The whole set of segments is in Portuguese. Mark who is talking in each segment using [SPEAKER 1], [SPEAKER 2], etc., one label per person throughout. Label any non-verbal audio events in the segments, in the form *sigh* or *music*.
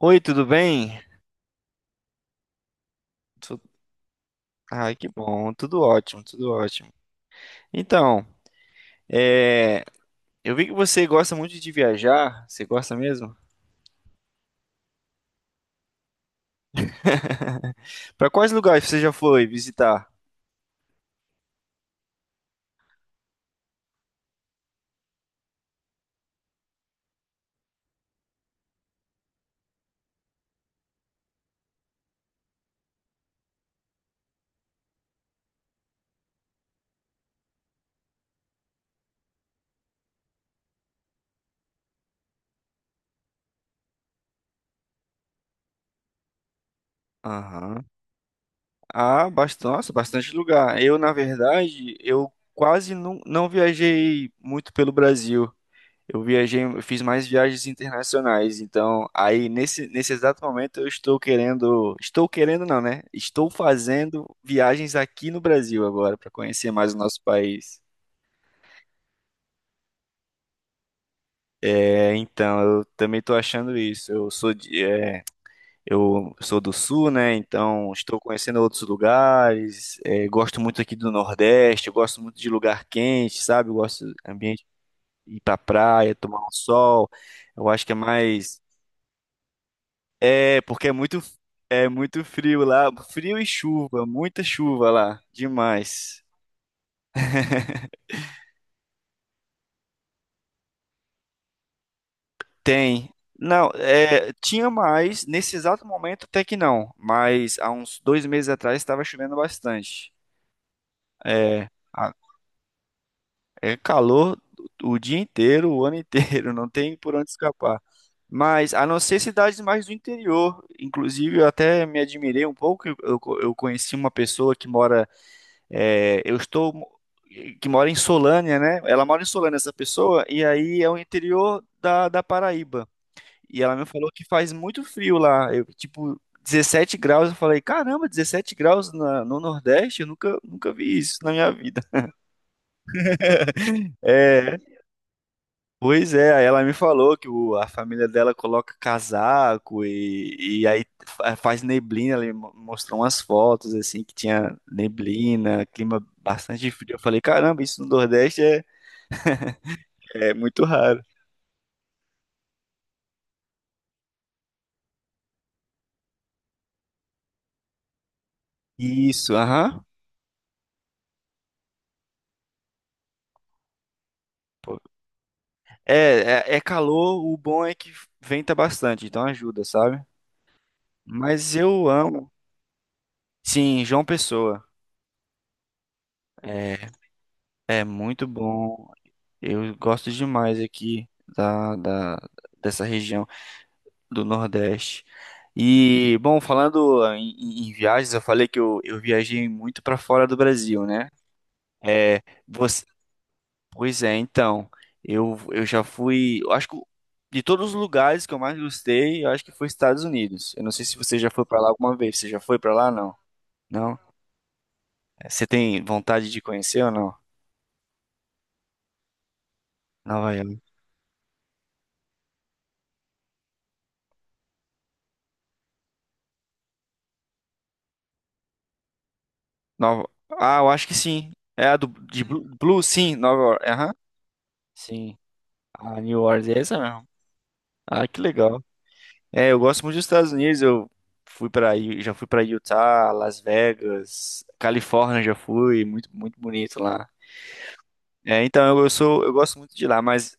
[SPEAKER 1] Oi, tudo bem? Tu- Ai, que bom, tudo ótimo, tudo ótimo. Então, é, eu vi que você gosta muito de viajar, você gosta mesmo? Para quais lugares você já foi visitar? Aham. Ah, bastante, nossa, bastante lugar. Eu, na verdade, eu quase não viajei muito pelo Brasil. Eu viajei, eu fiz mais viagens internacionais, então aí nesse exato momento eu estou querendo não, né? Estou fazendo viagens aqui no Brasil agora para conhecer mais o nosso país. É, então eu também estou achando isso. Eu sou do Sul, né? Então estou conhecendo outros lugares. Gosto muito aqui do Nordeste. Eu gosto muito de lugar quente, sabe? Eu gosto de ambiente ir para praia, tomar um sol. Eu acho que é mais. É, porque é muito frio lá. Frio e chuva, muita chuva lá. Demais. *laughs* Tem. Não, tinha mais. Nesse exato momento, até que não. Mas há uns dois meses atrás estava chovendo bastante. É, é calor o dia inteiro, o ano inteiro. *laughs* Não tem por onde escapar. Mas a não ser cidades mais do interior. Inclusive, eu até me admirei um pouco. Eu conheci uma pessoa que mora. É, eu estou Que mora em Solânia, né? Ela mora em Solânia, essa pessoa, e aí é o interior da Paraíba. E ela me falou que faz muito frio lá, eu, tipo 17 graus. Eu falei, caramba, 17 graus no Nordeste? Eu nunca, nunca vi isso na minha vida. *laughs* É, pois é, aí ela me falou que a família dela coloca casaco e aí faz neblina. Ela me mostrou umas fotos assim que tinha neblina, clima bastante frio. Eu falei, caramba, isso no Nordeste é muito raro. Isso, aham. É, é calor, o bom é que venta bastante, então ajuda, sabe? Mas eu amo. Sim, João Pessoa. É, é muito bom. Eu gosto demais aqui da, da, dessa região. Do Nordeste. E, bom, falando em, em viagens, eu falei que eu viajei muito para fora do Brasil, né? É, você, pois é, então, eu já fui, eu acho que de todos os lugares que eu mais gostei, eu acho que foi Estados Unidos. Eu não sei se você já foi para lá alguma vez. Você já foi para lá? Não? Não? É, você tem vontade de conhecer ou não? Nova York. Nova... Ah, eu acho que sim. É a de Blue, Blue, sim, Nova York. Aham. Sim. A New Orleans é essa mesmo. Ah, que legal. É, eu gosto muito dos Estados Unidos. Fui para, já fui para Utah, Las Vegas, Califórnia já fui, muito muito bonito lá. É, então eu gosto muito de lá, mas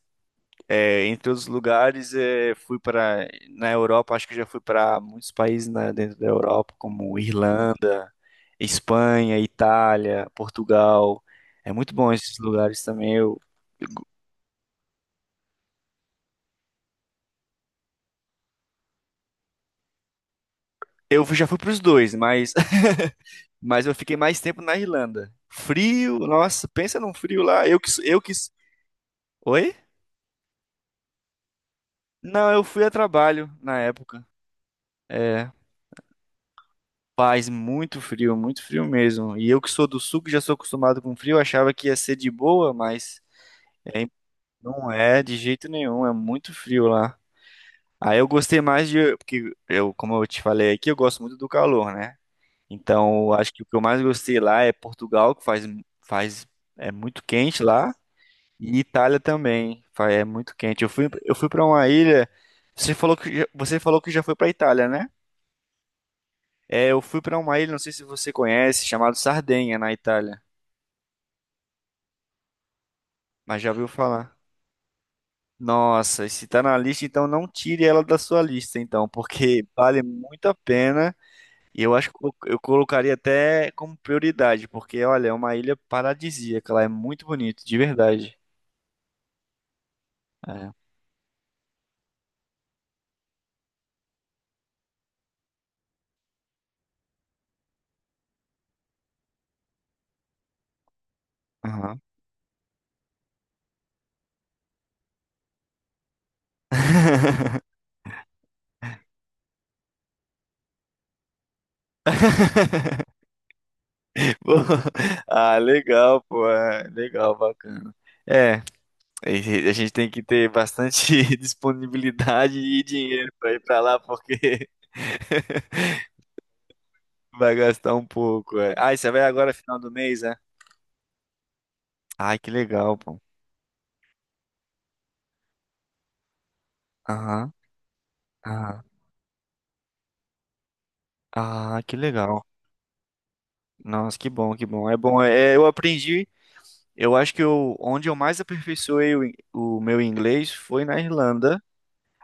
[SPEAKER 1] entre outros lugares, fui para na Europa, acho que já fui para muitos países dentro da Europa, como Irlanda, Espanha, Itália, Portugal. É muito bom esses lugares também. Eu já fui para os dois, mas *laughs* mas eu fiquei mais tempo na Irlanda. Frio, nossa, pensa num frio lá. Eu que, eu que. Oi? Não, eu fui a trabalho na época. É, faz muito frio mesmo. E eu que sou do sul, que já sou acostumado com frio, achava que ia ser de boa, mas é, não é de jeito nenhum, é muito frio lá. Aí eu gostei mais de, porque eu, como eu te falei aqui, eu gosto muito do calor, né? Então, acho que o que eu mais gostei lá é Portugal, que faz, faz é muito quente lá. E Itália também, é muito quente. Eu fui para uma ilha. Você falou que já foi para Itália, né? É, eu fui para uma ilha, não sei se você conhece, chamado Sardenha na Itália, mas já ouviu falar. Nossa, e se tá na lista, então não tire ela da sua lista, então, porque vale muito a pena. E eu acho que eu colocaria até como prioridade, porque olha, é uma ilha paradisíaca, ela é muito bonito, de verdade. É. Aham. *laughs* Pô, *laughs* ah, legal, pô. Legal, bacana. É, a gente tem que ter bastante *laughs* disponibilidade e dinheiro pra ir pra lá, porque *laughs* vai gastar um pouco. É. Ah, e você vai agora final do mês, é? Ai, que legal, pô. Aham, aham. Ah, que legal. Nossa, que bom, que bom. É bom, eu aprendi. Eu acho que onde eu mais aperfeiçoei o meu inglês foi na Irlanda.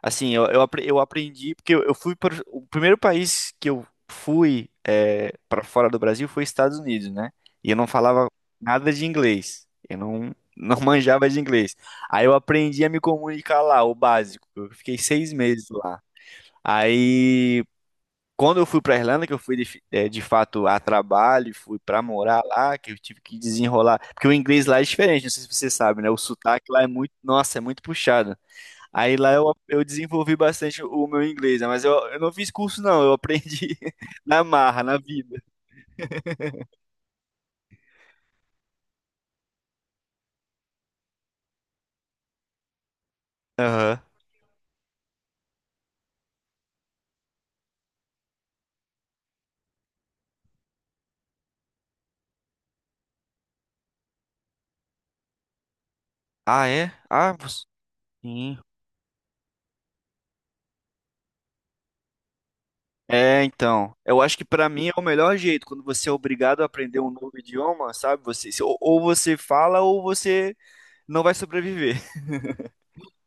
[SPEAKER 1] Assim, eu aprendi, porque eu fui para o primeiro país que eu fui, para fora do Brasil foi Estados Unidos, né? E eu não falava nada de inglês. Eu não, *laughs* não manjava de inglês. Aí eu aprendi a me comunicar lá, o básico. Eu fiquei seis meses lá. Aí, quando eu fui para Irlanda, que eu fui de fato a trabalho, fui para morar lá, que eu tive que desenrolar. Porque o inglês lá é diferente, não sei se você sabe, né? O sotaque lá é muito, nossa, é muito puxado. Aí lá eu desenvolvi bastante o meu inglês, né? Mas eu não fiz curso, não. Eu aprendi *laughs* na marra, na vida. Aham. Ah, é? Ah, sim. É, então. Eu acho que pra mim é o melhor jeito, quando você é obrigado a aprender um novo idioma, sabe? Você, se- ou você fala ou você não vai sobreviver. *laughs*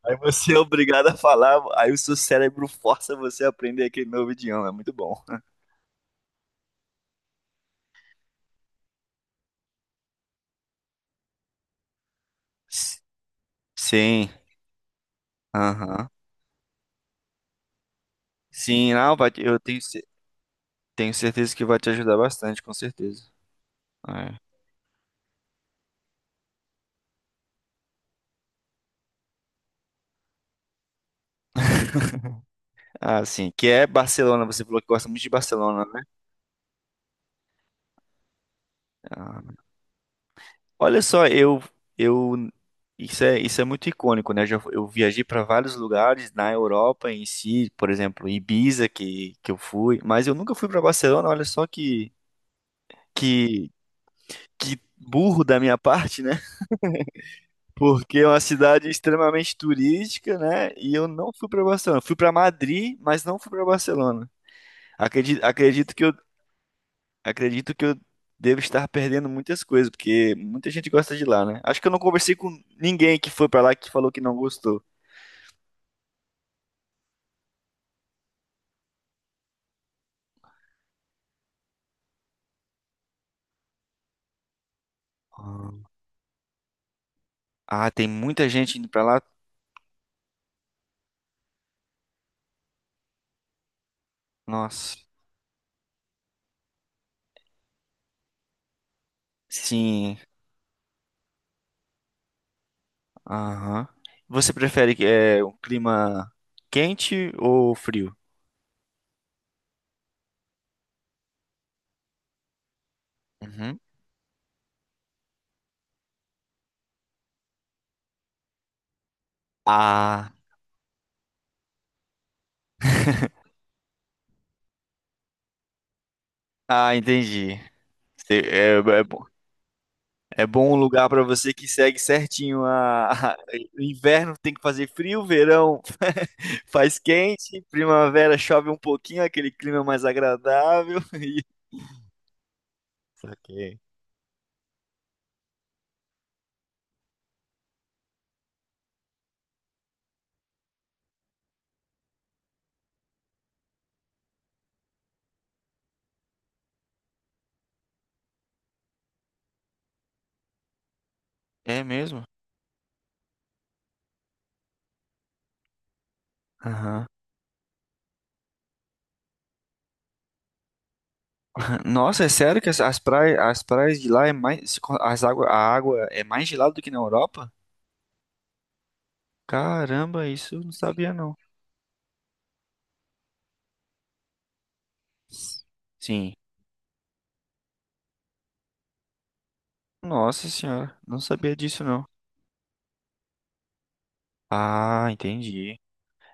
[SPEAKER 1] Aí você é obrigado a falar, aí o seu cérebro força você a aprender aquele novo idioma. É muito bom. S- Sim. Aham. Sim, não, eu tenho. Tenho certeza que vai te ajudar bastante, com certeza. É. Ah, sim, que é Barcelona, você falou que gosta muito de Barcelona, né? Ah, olha só, eu isso é muito icônico, né? Já, eu viajei para vários lugares na Europa em si, por exemplo, Ibiza que eu fui, mas eu nunca fui para Barcelona, olha só que que burro da minha parte, né? *laughs* Porque é uma cidade extremamente turística, né? E eu não fui para Barcelona. Fui para Madrid, mas não fui para Barcelona. Acredito, acredito que eu Acredito que eu devo estar perdendo muitas coisas, porque muita gente gosta de lá, né? Acho que eu não conversei com ninguém que foi pra lá que falou que não gostou. Ah, Ah, tem muita gente indo pra lá. Nossa. Sim. Aham. Você prefere que é um clima quente ou frio? Uhum. Ah, ah, entendi. É, bom. É bom um lugar pra você que segue certinho a, *laughs* o inverno tem que fazer frio, verão faz quente, primavera chove um pouquinho, aquele clima mais agradável. *laughs* Saquei. É mesmo? Aham. *laughs* Nossa, é sério que as praias de lá é mais, a água é mais gelada do que na Europa? Caramba, isso eu não sabia não. Sim. Nossa senhora, não sabia disso não. Ah, entendi.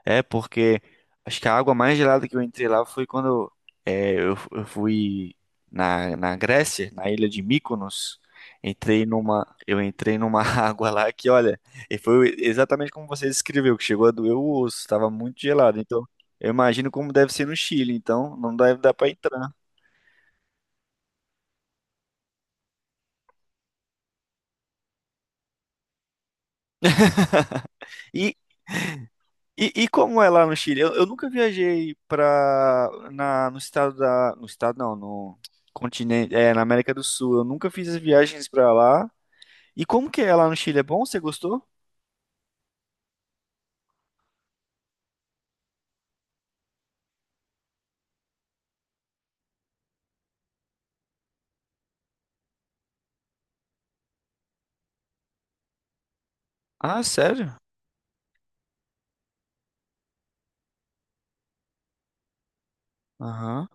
[SPEAKER 1] É, porque acho que a água mais gelada que eu entrei lá foi quando eu fui na Grécia, na ilha de Mykonos. Eu entrei numa *laughs* água lá que, olha, e foi exatamente como você descreveu, que chegou a doer o osso, estava muito gelado. Então, eu imagino como deve ser no Chile, então não deve dar para entrar. E, e como é lá no Chile? Eu nunca viajei para na no estado da, no estado não, no continente, na América do Sul. Eu nunca fiz as viagens para lá. E como que é lá no Chile? É bom? Você gostou? Ah, sério? Aham.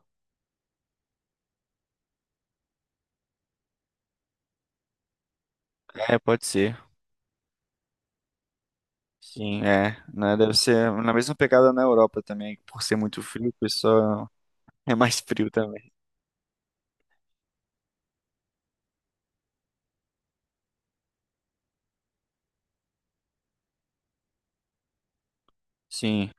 [SPEAKER 1] É, pode ser. Sim, é, né? Deve ser na mesma pegada na Europa também, por ser muito frio, o pessoal *laughs* é mais frio também. Sim.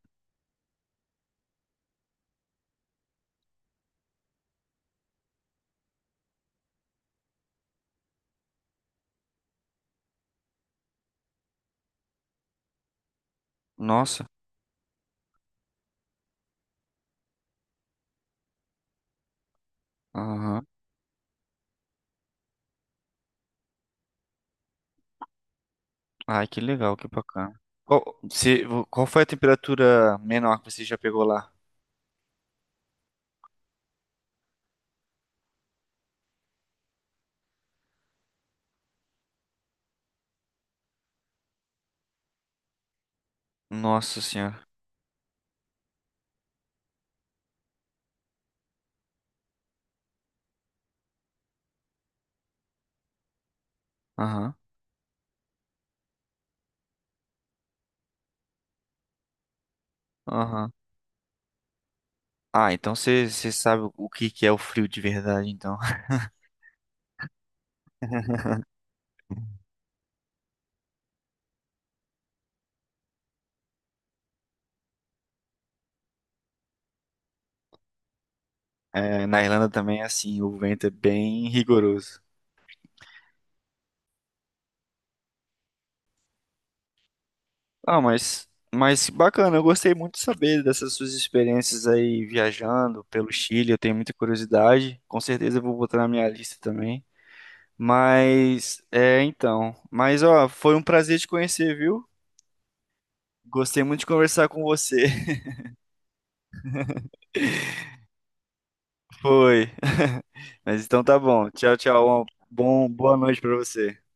[SPEAKER 1] Nossa. Aham. Ai, que legal, que bacana. Qual, se, qual foi a temperatura menor que você já pegou lá? Nossa senhora. Aham. Aham. Ah, então você sabe o que que é o frio de verdade, então. *laughs* É, na Irlanda também é assim, o vento é bem rigoroso. Ah, mas bacana, eu gostei muito de saber dessas suas experiências aí viajando pelo Chile, eu tenho muita curiosidade, com certeza eu vou botar na minha lista também. Mas, então, mas ó, foi um prazer te conhecer, viu? Gostei muito de conversar com você. *laughs* Foi. *laughs* Mas então tá bom. Tchau, tchau. Boa noite pra você.